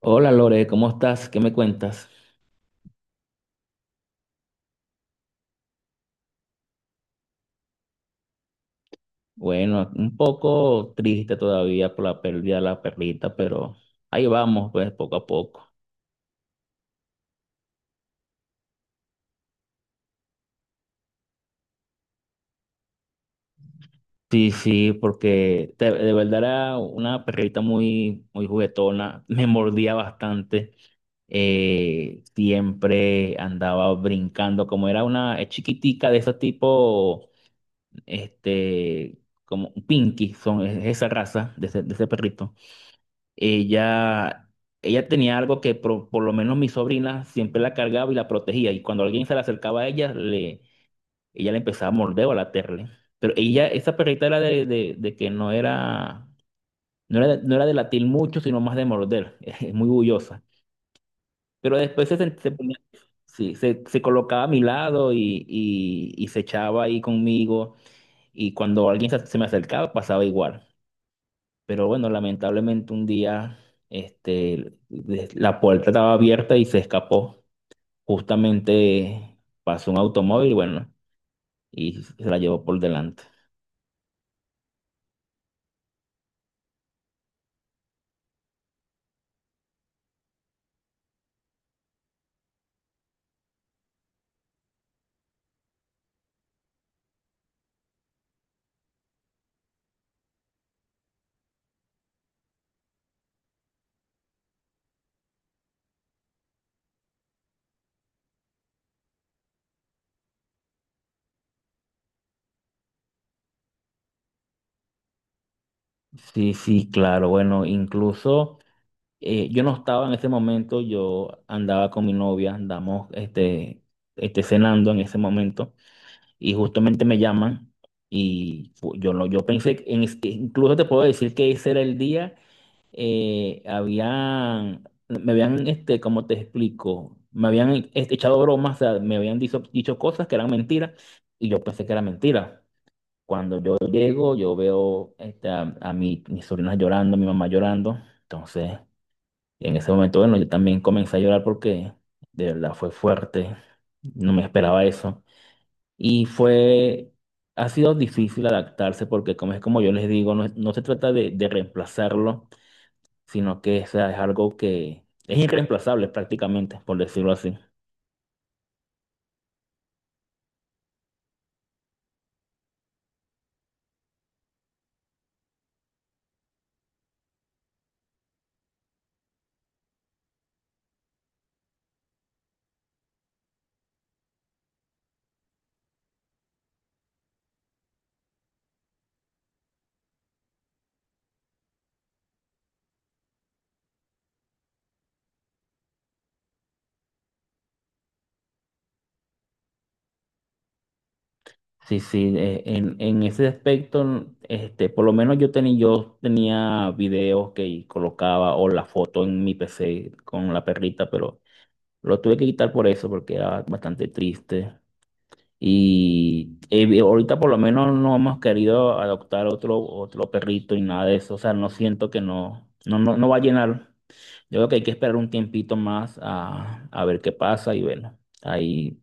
Hola Lore, ¿cómo estás? ¿Qué me cuentas? Bueno, un poco triste todavía por la pérdida de la perrita, pero ahí vamos, pues poco a poco. Sí, sí, porque de verdad era una perrita muy, muy juguetona. Me mordía bastante, siempre andaba brincando, como era una es chiquitica de ese tipo, este, como un pinky, es esa raza de de ese perrito. ella, Ella tenía algo que por lo menos mi sobrina siempre la cargaba y la protegía. Y cuando alguien se le acercaba a ella, ella le empezaba a morder o a latirle. Pero ella, esa perrita era de que no era, no era de latir mucho, sino más de morder. Es muy bullosa. Pero después se ponía. Sí, se colocaba a mi lado y se echaba ahí conmigo. Y cuando alguien se me acercaba, pasaba igual. Pero bueno, lamentablemente un día la puerta estaba abierta y se escapó. Justamente pasó un automóvil, bueno, y se la llevó por delante. Sí, sí, claro. Bueno, incluso yo no estaba en ese momento, yo andaba con mi novia, andamos cenando en ese momento y justamente me llaman y fu- yo, no, yo pensé que que incluso te puedo decir que ese era el día. Habían, como te explico, me habían echado bromas. O sea, me habían dicho cosas que eran mentiras y yo pensé que era mentira. Cuando yo llego, yo veo a mis sobrinas llorando, a mi mamá llorando. Entonces, en ese momento, bueno, yo también comencé a llorar porque de verdad fue fuerte, no me esperaba eso. Y ha sido difícil adaptarse porque como es como yo les digo, no, no se trata de reemplazarlo, sino que, o sea, es algo que es irreemplazable prácticamente, por decirlo así. Sí, sí, en ese aspecto, por lo menos yo tenía videos que colocaba o la foto en mi PC con la perrita, pero lo tuve que quitar por eso, porque era bastante triste. Y ahorita por lo menos no hemos querido adoptar otro perrito y nada de eso. O sea, no siento que no, no, no va a llenar. Yo creo que hay que esperar un tiempito más a ver qué pasa y bueno, ahí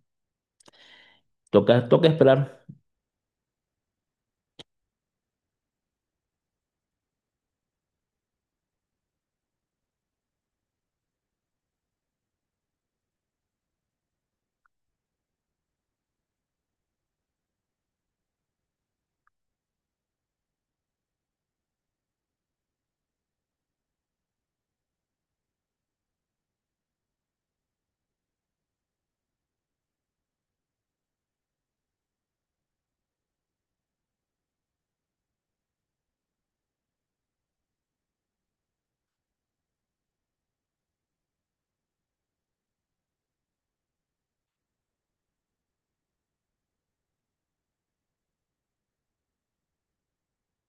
toca esperar.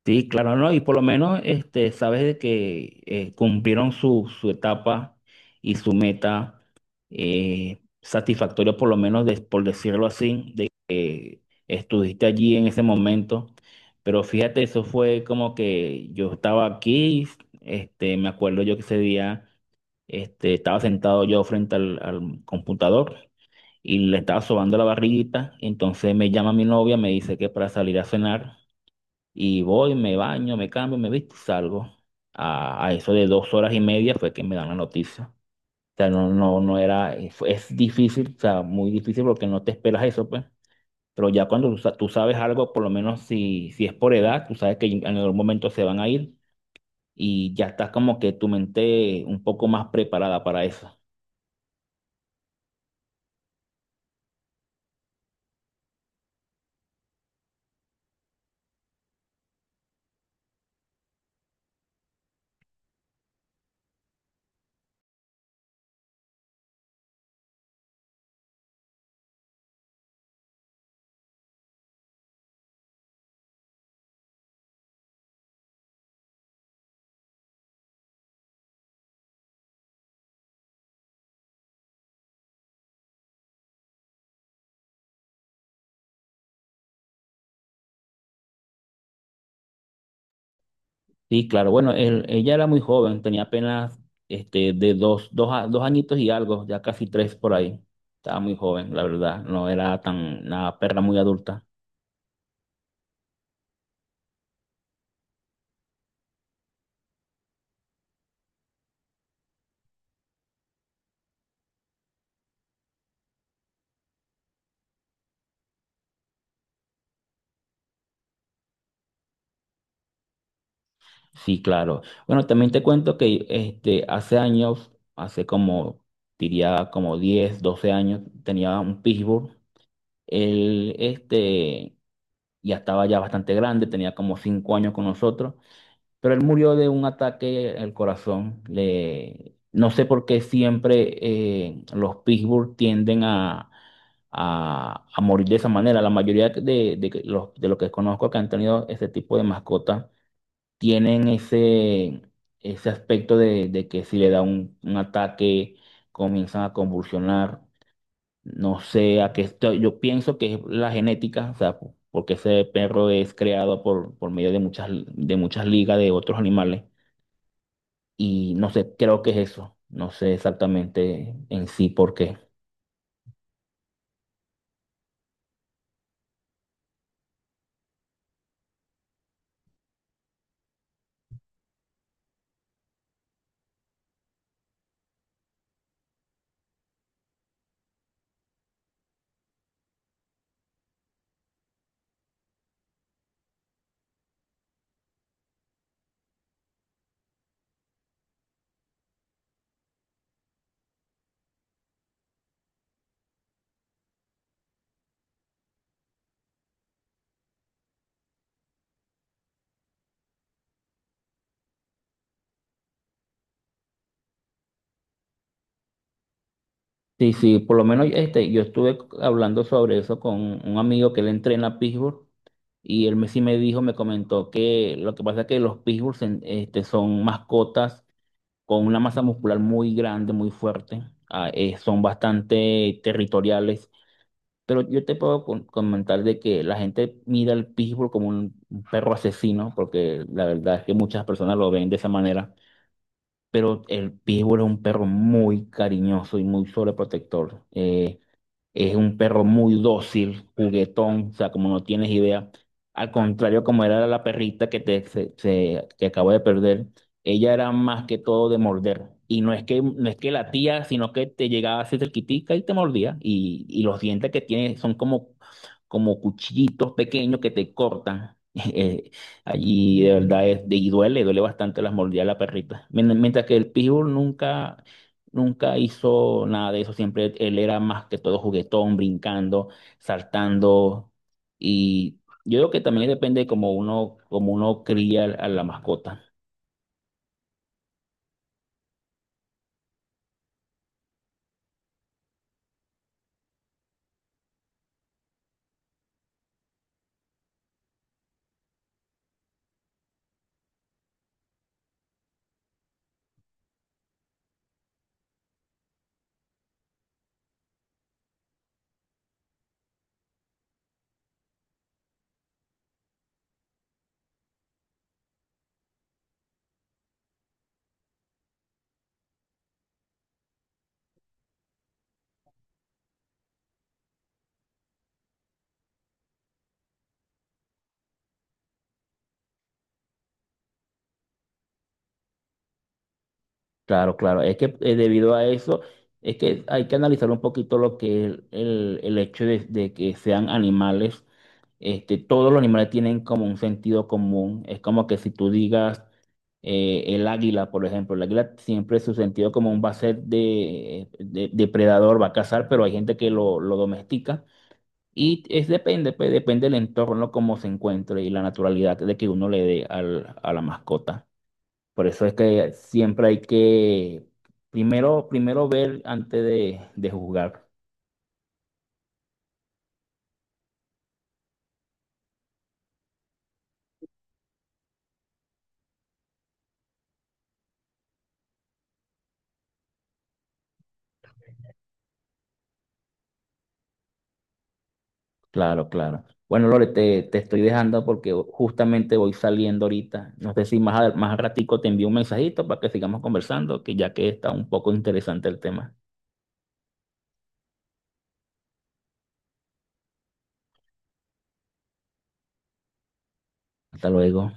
Sí, claro, no, y por lo menos sabes de que cumplieron su etapa y su meta satisfactoria, por lo menos por decirlo así, de que estuviste allí en ese momento. Pero fíjate, eso fue como que yo estaba aquí, me acuerdo yo que ese día estaba sentado yo frente al computador y le estaba sobando la barriguita. Entonces me llama mi novia, me dice que para salir a cenar y voy, me baño, me cambio, me visto y salgo. A eso de dos horas y media fue que me dan la noticia. O sea, no, no era, es difícil, o sea, muy difícil porque no te esperas eso, pues. Pero ya cuando tú sabes algo, por lo menos si es por edad, tú sabes que en algún momento se van a ir y ya estás como que tu mente un poco más preparada para eso. Sí, claro. Bueno, ella era muy joven, tenía apenas este, de dos, dos, a- dos añitos y algo, ya casi tres por ahí. Estaba muy joven, la verdad. No era tan una perra muy adulta. Sí, claro. Bueno, también te cuento que hace años, hace como, diría como 10, 12 años, tenía un pitbull. Él ya estaba ya bastante grande, tenía como 5 años con nosotros. Pero él murió de un ataque al corazón. Le... No sé por qué siempre los Pittsburgh tienden a morir de esa manera. La mayoría de los que conozco que han tenido ese tipo de mascotas tienen ese aspecto de que si le da un ataque, comienzan a convulsionar. No sé a qué estoy. Yo pienso que es la genética, o sea, porque ese perro es creado por medio de de muchas ligas de otros animales. Y no sé, creo que es eso. No sé exactamente en sí por qué. Sí, sí, por lo menos yo estuve hablando sobre eso con un amigo que él entrena pitbull y él sí me dijo, me comentó que lo que pasa es que los pitbulls son mascotas con una masa muscular muy grande, muy fuerte, son bastante territoriales, pero yo te puedo comentar de que la gente mira al pitbull como un perro asesino, porque la verdad es que muchas personas lo ven de esa manera, pero el pitbull es un perro muy cariñoso y muy sobreprotector. Es un perro muy dócil, juguetón, o sea, como no tienes idea. Al contrario, como era la perrita que que acabo de perder, ella era más que todo de morder. Y no es no es que latía, sino que te llegaba así cerquitica y te mordía. Y los dientes que tiene son como cuchillitos pequeños que te cortan. Eh, Allí de verdad es, y duele, duele bastante las mordidas de la perrita. Mientras que el pitbull nunca hizo nada de eso, siempre él era más que todo juguetón, brincando, saltando y yo creo que también depende como uno cría a la mascota. Claro, claro, es que debido a eso es que hay que analizar un poquito lo que es el hecho de que sean animales. Este, todos los animales tienen como un sentido común. Es como que si tú digas el águila, por ejemplo, el águila siempre su sentido común va a ser de, depredador, va a cazar, pero hay gente que lo domestica. Y es depende, pues, depende del entorno, cómo se encuentre y la naturalidad de que uno le dé a la mascota. Por eso es que siempre hay que primero, primero ver antes de juzgar. Claro, claro. Bueno, Lore, te estoy dejando porque justamente voy saliendo ahorita. No sé si más, más al ratico te envío un mensajito para que sigamos conversando, que ya que está un poco interesante el tema. Hasta luego.